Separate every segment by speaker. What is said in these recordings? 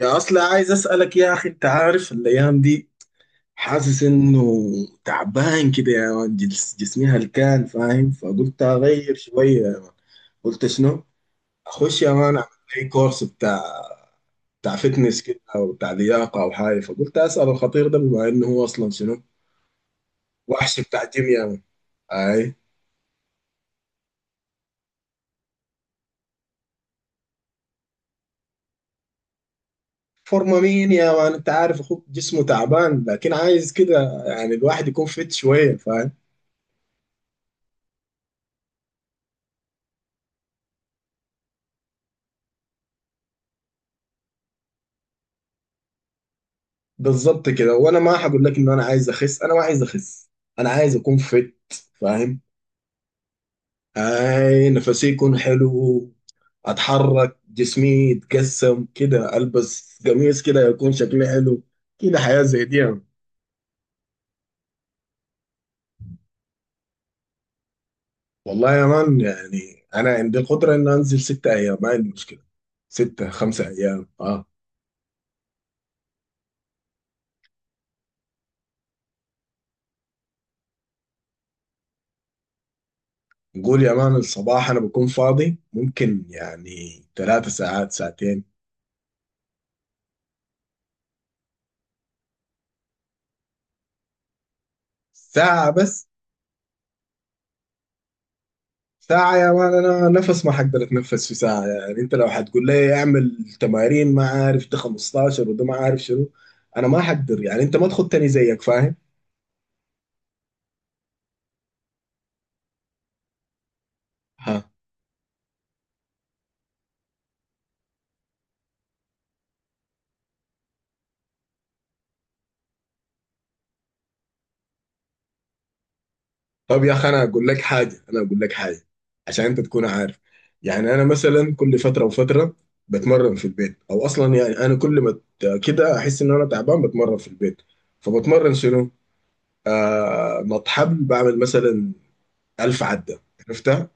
Speaker 1: يا اصلا عايز اسالك يا اخي، انت عارف الايام دي حاسس انه تعبان كده يا مان. جسمي هلكان فاهم، فقلت اغير شويه يا مان. قلت شنو؟ اخش يا مان اعمل لي كورس بتاع فتنس كده او بتاع لياقه او حاجه. فقلت اسال الخطير ده، بما انه هو اصلا شنو؟ وحش بتاع جيم يا مان. اي فورمه مين يا مان؟ انت عارف اخوك جسمه تعبان، لكن عايز كده يعني الواحد يكون فت شويه فاهم. بالظبط كده، وانا ما هقول لك ان انا عايز اخس، انا ما عايز اخس، انا عايز اكون فت فاهم. هاي نفسي يكون حلو، اتحرك جسمي يتقسم كده، البس قميص كده يكون شكلي حلو، كده حياة زي دي يعني. والله يا مان يعني انا عندي القدرة ان انزل ستة ايام، ما عندي مشكلة. ستة خمسة ايام اه. نقول يا مان الصباح انا بكون فاضي، ممكن يعني ثلاثة ساعات ساعتين. ساعة بس؟ ساعة يا مان أنا نفس ما حقدر أتنفس في ساعة. يعني أنت لو هتقول لي أعمل تمارين ما عارف ده 15 وده ما عارف شنو، أنا ما حقدر. يعني أنت ما تخطني زيك فاهم؟ ها. طب يا أخي أنا أقول لك حاجة، أنا أقول لك حاجة عشان أنت تكون عارف. يعني أنا مثلا كل فترة وفترة بتمرن في البيت، أو أصلا يعني أنا كل ما كده أحس إن أنا تعبان بتمرن في البيت. فبتمرن شنو؟ آه، نط حبل، بعمل مثلا 1000 عدة. عرفتها؟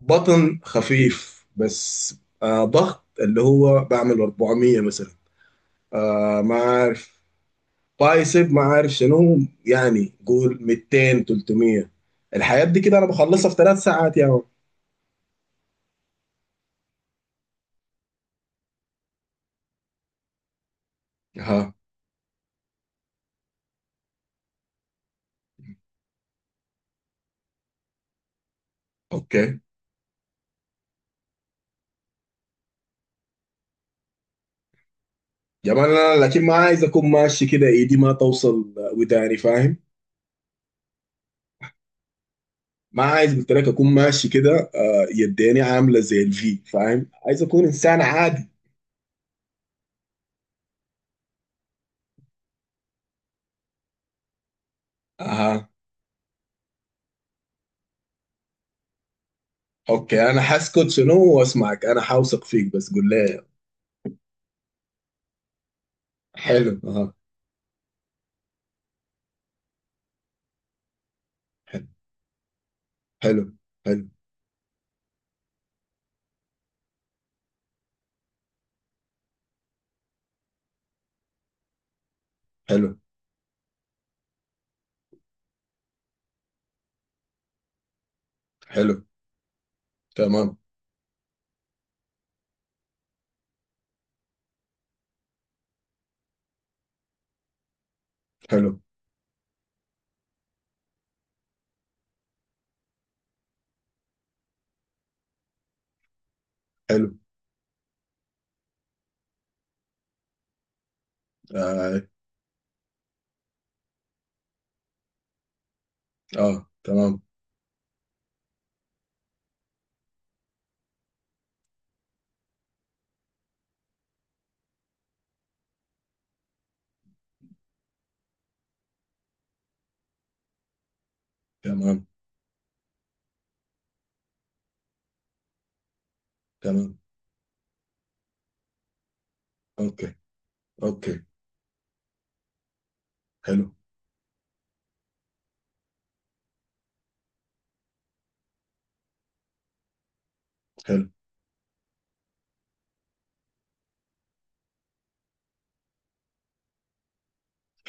Speaker 1: بطن خفيف بس. آه، ضغط اللي هو بعمل 400 مثلا. آه ما عارف، بايسب ما عارف شنو. يعني قول 200 300. الحاجات دي كده انا بخلصها في ثلاث ساعات يا عم. ها. اوكي. يا مان انا لكن ما عايز اكون ماشي كده ايدي ما توصل وداني فاهم. ما عايز قلت لك اكون ماشي كده، يديني عامله زي الفي فاهم. عايز اكون انسان عادي. اها. اوكي، انا حاسكت شنو واسمعك، انا حاوثق فيك، بس قول لي. حلو اه. حلو. حلو. حلو. حلو. حلو. تمام. حلو. حلو. اه. آه. تمام. تمام. تمام. اوكي. اوكي. حلو. حلو.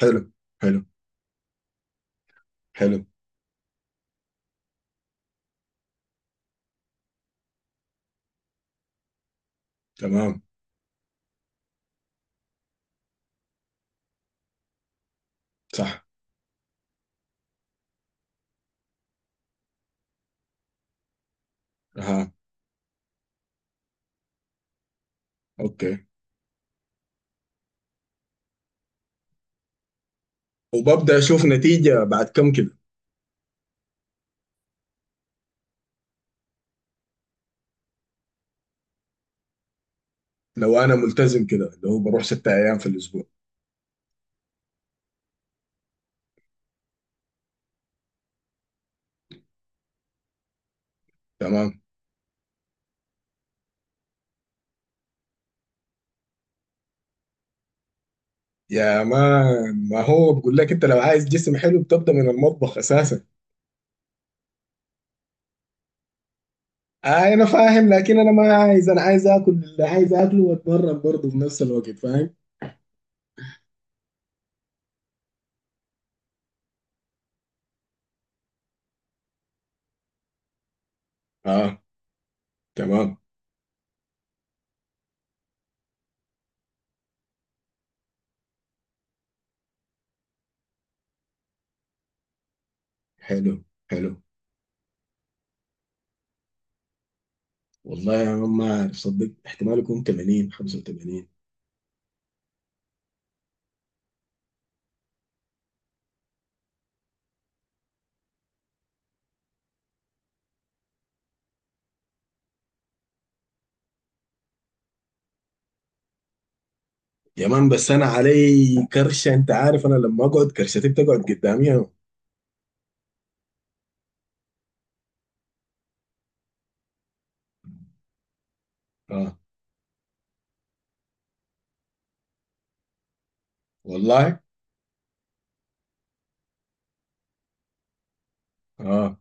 Speaker 1: حلو. حلو. حلو. تمام. صح. اه. اوكي. وببدأ اشوف نتيجة بعد كم كده؟ لو انا ملتزم كده اللي هو بروح ستة ايام في الاسبوع. تمام. يا ما، ما هو بقول لك، انت لو عايز جسم حلو بتبدأ من المطبخ اساسا. آه انا فاهم، لكن انا ما عايز، انا عايز اكل اللي عايز اكله واتمرن برضه في نفس الوقت فاهم. اه. تمام. حلو. حلو. والله يا مان ما عارف صدق، احتمال يكون 80 85. يا مان بس انا علي كرشه، انت عارف انا لما اقعد كرشتي بتقعد قدامي يا مان. اه والله. اه.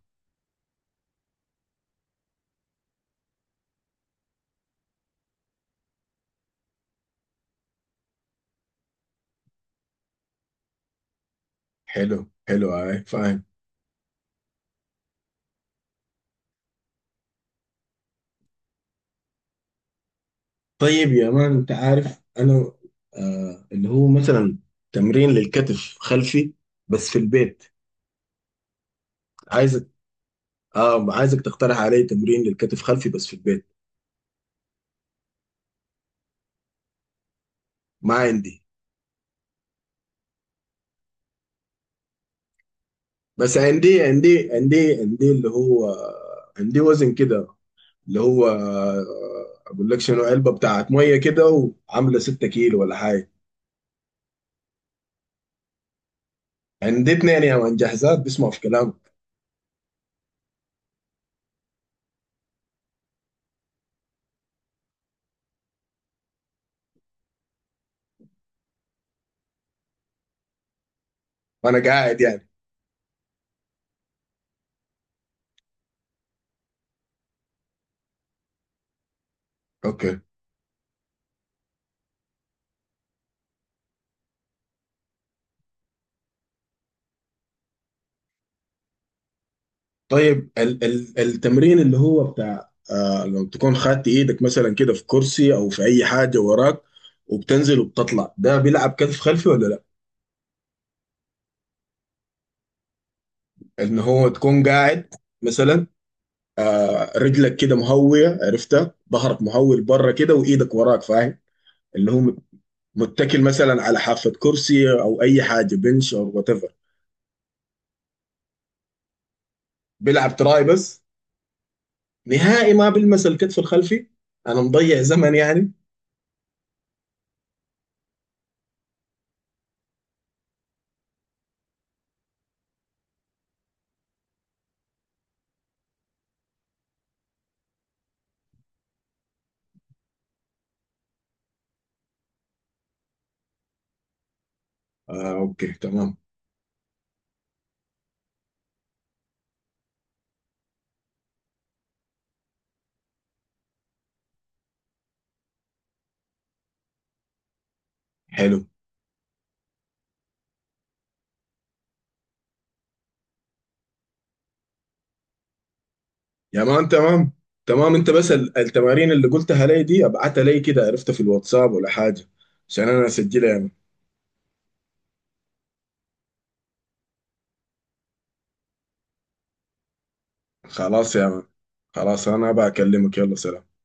Speaker 1: حلو. حلو. آه فاهم. طيب يا مان انت عارف انا آه اللي هو مثلا تمرين للكتف خلفي بس في البيت. عايز. اه عايزك تقترح علي تمرين للكتف خلفي بس في البيت. مع عندي. بس عندي عندي عندي عندي اللي هو عندي وزن كده اللي هو، اقول لك شنو، علبه بتاعت ميه كده، وعامله 6 كيلو ولا حاجه. عندي اتنين يا من جاهزات بيسمعوا في كلامك. وانا قاعد يعني؟ اوكي. طيب ال التمرين اللي هو بتاع آه، لو تكون خدت ايدك مثلا كده في كرسي او في اي حاجه وراك، وبتنزل وبتطلع، ده بيلعب كتف خلفي ولا لا؟ ان هو تكون قاعد مثلا، آه، رجلك كده مهوية عرفتها، ظهرك مهوي لبره كده، وايدك وراك فاهم، اللي هو متكل مثلا على حافة كرسي او اي حاجة بنش او وات ايفر. بيلعب تراي بس؟ نهائي ما بيلمس الكتف الخلفي؟ انا مضيع زمن يعني. آه اوكي تمام. حلو. يا مان تمام. تمام انت بس التمارين اللي قلتها لي دي ابعتها لي كده عرفتها في الواتساب ولا حاجة، عشان انا اسجلها يا مان. خلاص يا مان. خلاص انا بكلمك، يلا سلام.